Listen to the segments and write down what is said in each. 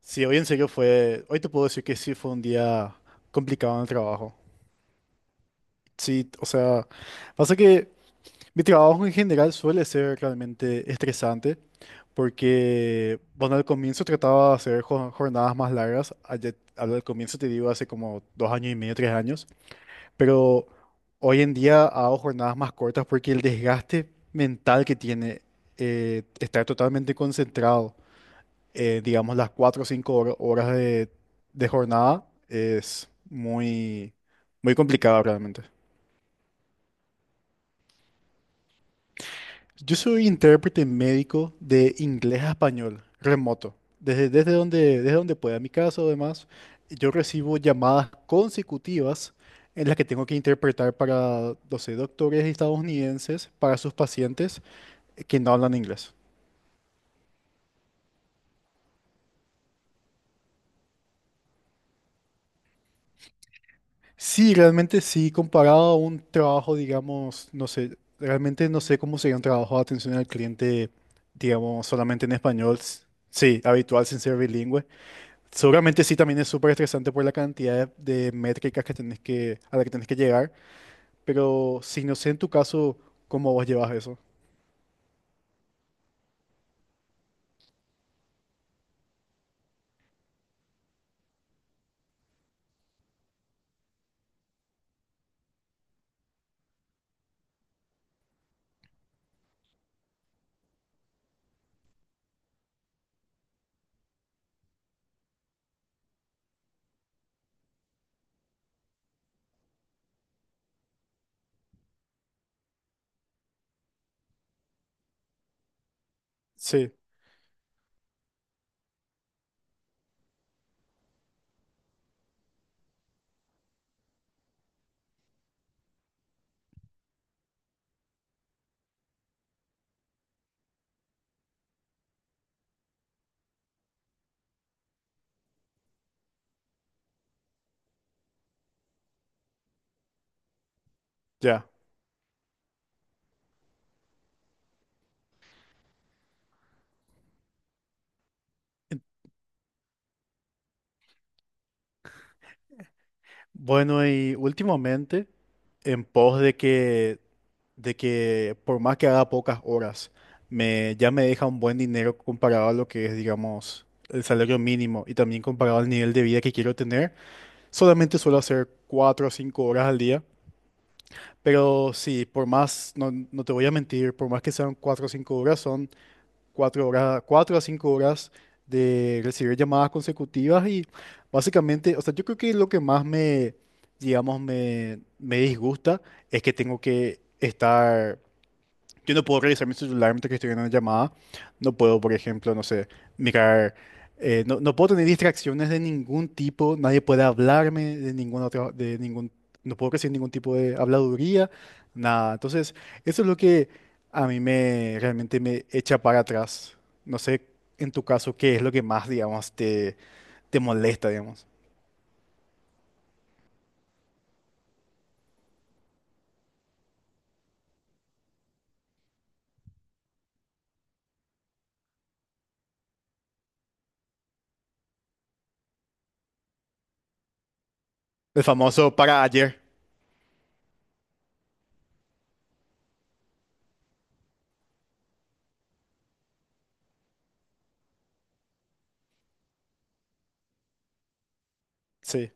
Sí, hoy en serio fue, hoy te puedo decir que sí fue un día complicado en el trabajo. Sí, o sea, pasa que mi trabajo en general suele ser realmente estresante porque, bueno, al comienzo trataba de hacer jornadas más largas, al comienzo te digo hace como 2 años y medio, 3 años, pero hoy en día hago jornadas más cortas porque el desgaste mental que tiene estar totalmente concentrado digamos, las 4 o 5 horas de jornada es muy, muy complicada realmente. Yo soy intérprete médico de inglés a español, remoto. Desde donde pueda. En mi caso, además, yo recibo llamadas consecutivas en las que tengo que interpretar para, 12 doctores estadounidenses, para sus pacientes que no hablan inglés. Sí, realmente sí, comparado a un trabajo, digamos, no sé, realmente no sé cómo sería un trabajo de atención al cliente, digamos, solamente en español, sí, habitual sin ser bilingüe. Seguramente sí, también es súper estresante por la cantidad de métricas que tenés que, a la que tenés que llegar, pero sí, no sé en tu caso cómo vos llevas eso. Sí, ya. Bueno, y últimamente, en pos de que por más que haga pocas horas, ya me deja un buen dinero comparado a lo que es, digamos, el salario mínimo y también comparado al nivel de vida que quiero tener. Solamente suelo hacer 4 o 5 horas al día, pero sí, por más, no, no te voy a mentir, por más que sean 4 o 5 horas, son 4 horas, 4 a 5 horas de recibir llamadas consecutivas y básicamente, o sea, yo creo que lo que más digamos, me disgusta es que tengo que estar yo no puedo revisar mi celular mientras que estoy en una llamada. No puedo, por ejemplo, no sé, mirar. No no, puedo tener distracciones de ningún tipo. Nadie puede hablarme de ningún otro, de ningún. No puedo recibir ningún tipo de habladuría, nada. Entonces, eso es lo que a mí me realmente me echa para atrás. No sé, en tu caso, qué es lo que más, digamos, te molesta, digamos. El famoso para ayer. Sí.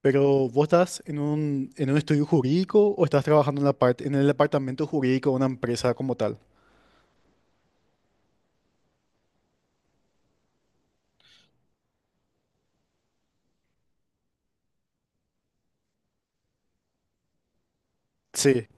Pero ¿vos estás en un estudio jurídico o estás trabajando en la parte, en el departamento jurídico de una empresa como tal? Sí.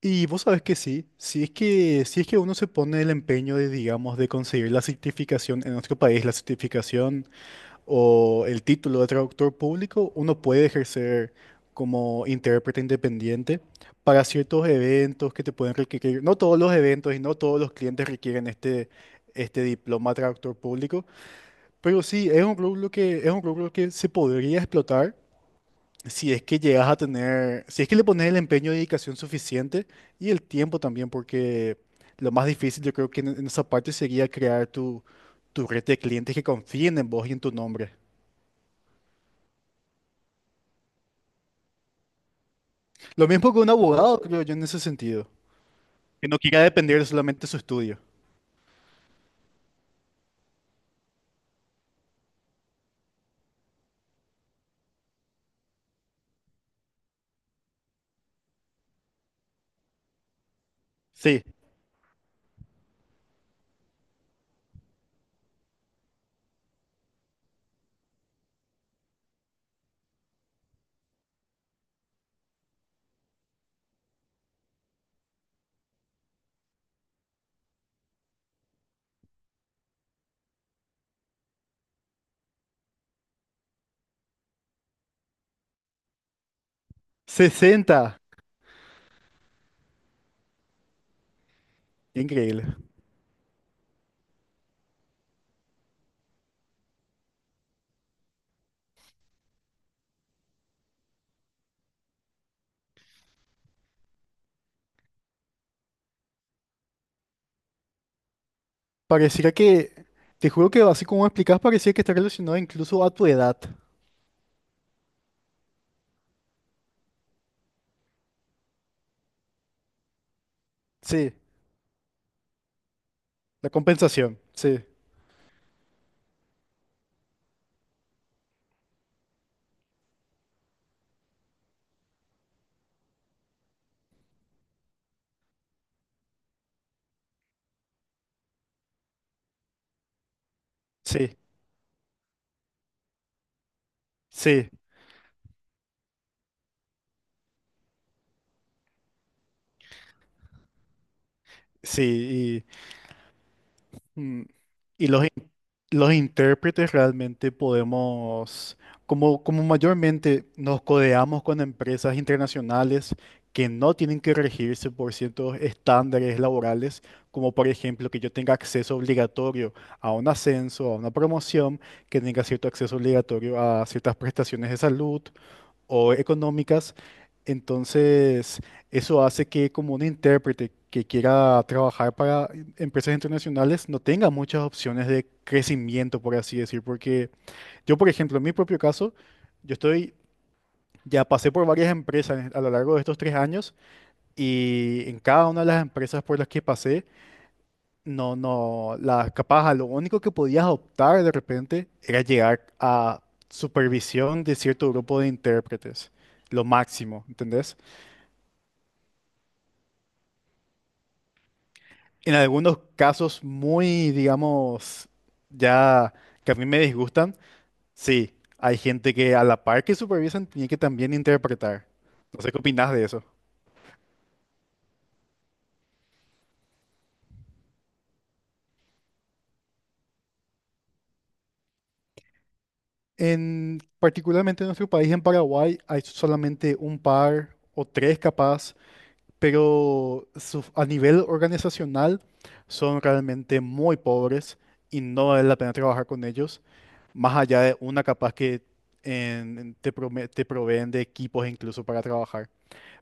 Y vos sabés que sí, si es que uno se pone el empeño de, digamos, de conseguir la certificación en nuestro país, la certificación o el título de traductor público, uno puede ejercer como intérprete independiente para ciertos eventos que te pueden requerir. No todos los eventos y no todos los clientes requieren este, este diploma de traductor público. Pero sí, es un rubro es un rubro que se podría explotar si es que llegas a tener, si es que le pones el empeño y dedicación suficiente y el tiempo también, porque lo más difícil yo creo que en esa parte sería crear tu red de clientes que confíen en vos y en tu nombre. Lo mismo que un abogado, creo yo, en ese sentido, que no quiera depender solamente de su estudio. Sí, 60, increíble. Pareciera que, te juro que así como explicás, parecía que está relacionado incluso a tu edad. Sí, la compensación, sí. Sí, sí, sí. Y, y los, los intérpretes realmente podemos, como, como mayormente nos codeamos con empresas internacionales que no tienen que regirse por ciertos estándares laborales, como por ejemplo que yo tenga acceso obligatorio a un ascenso, a una promoción, que tenga cierto acceso obligatorio a ciertas prestaciones de salud o económicas. Entonces, eso hace que como un intérprete que quiera trabajar para empresas internacionales no tenga muchas opciones de crecimiento, por así decir, porque yo, por ejemplo, en mi propio caso, yo estoy, ya pasé por varias empresas a lo largo de estos 3 años y en cada una de las empresas por las que pasé, no, no, la capaz, lo único que podías optar de repente era llegar a supervisión de cierto grupo de intérpretes, lo máximo, ¿entendés? En algunos casos muy, digamos, ya que a mí me disgustan, sí, hay gente que a la par que supervisan tiene que también interpretar. No sé qué opinás de eso. En particularmente en nuestro país, en Paraguay, hay solamente un par o tres capaz, pero a nivel organizacional son realmente muy pobres y no vale la pena trabajar con ellos, más allá de una capaz que te proveen de equipos incluso para trabajar.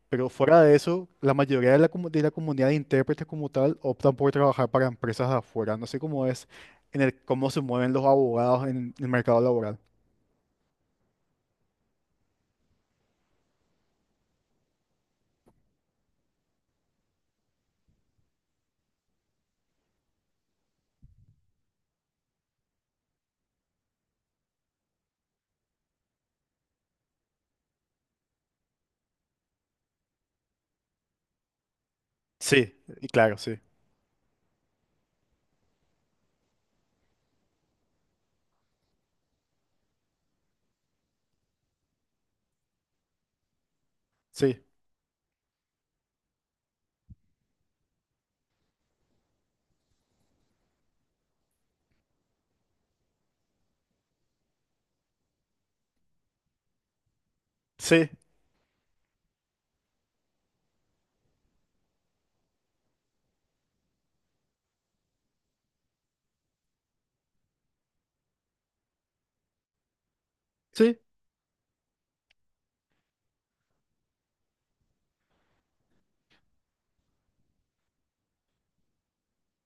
Pero fuera de eso, la mayoría de la, de la comunidad de intérpretes como tal optan por trabajar para empresas de afuera. No sé cómo es en el cómo se mueven los abogados en el mercado laboral. Sí, y claro, sí. Sí, sí, sí.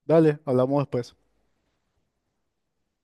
Dale, hablamos después.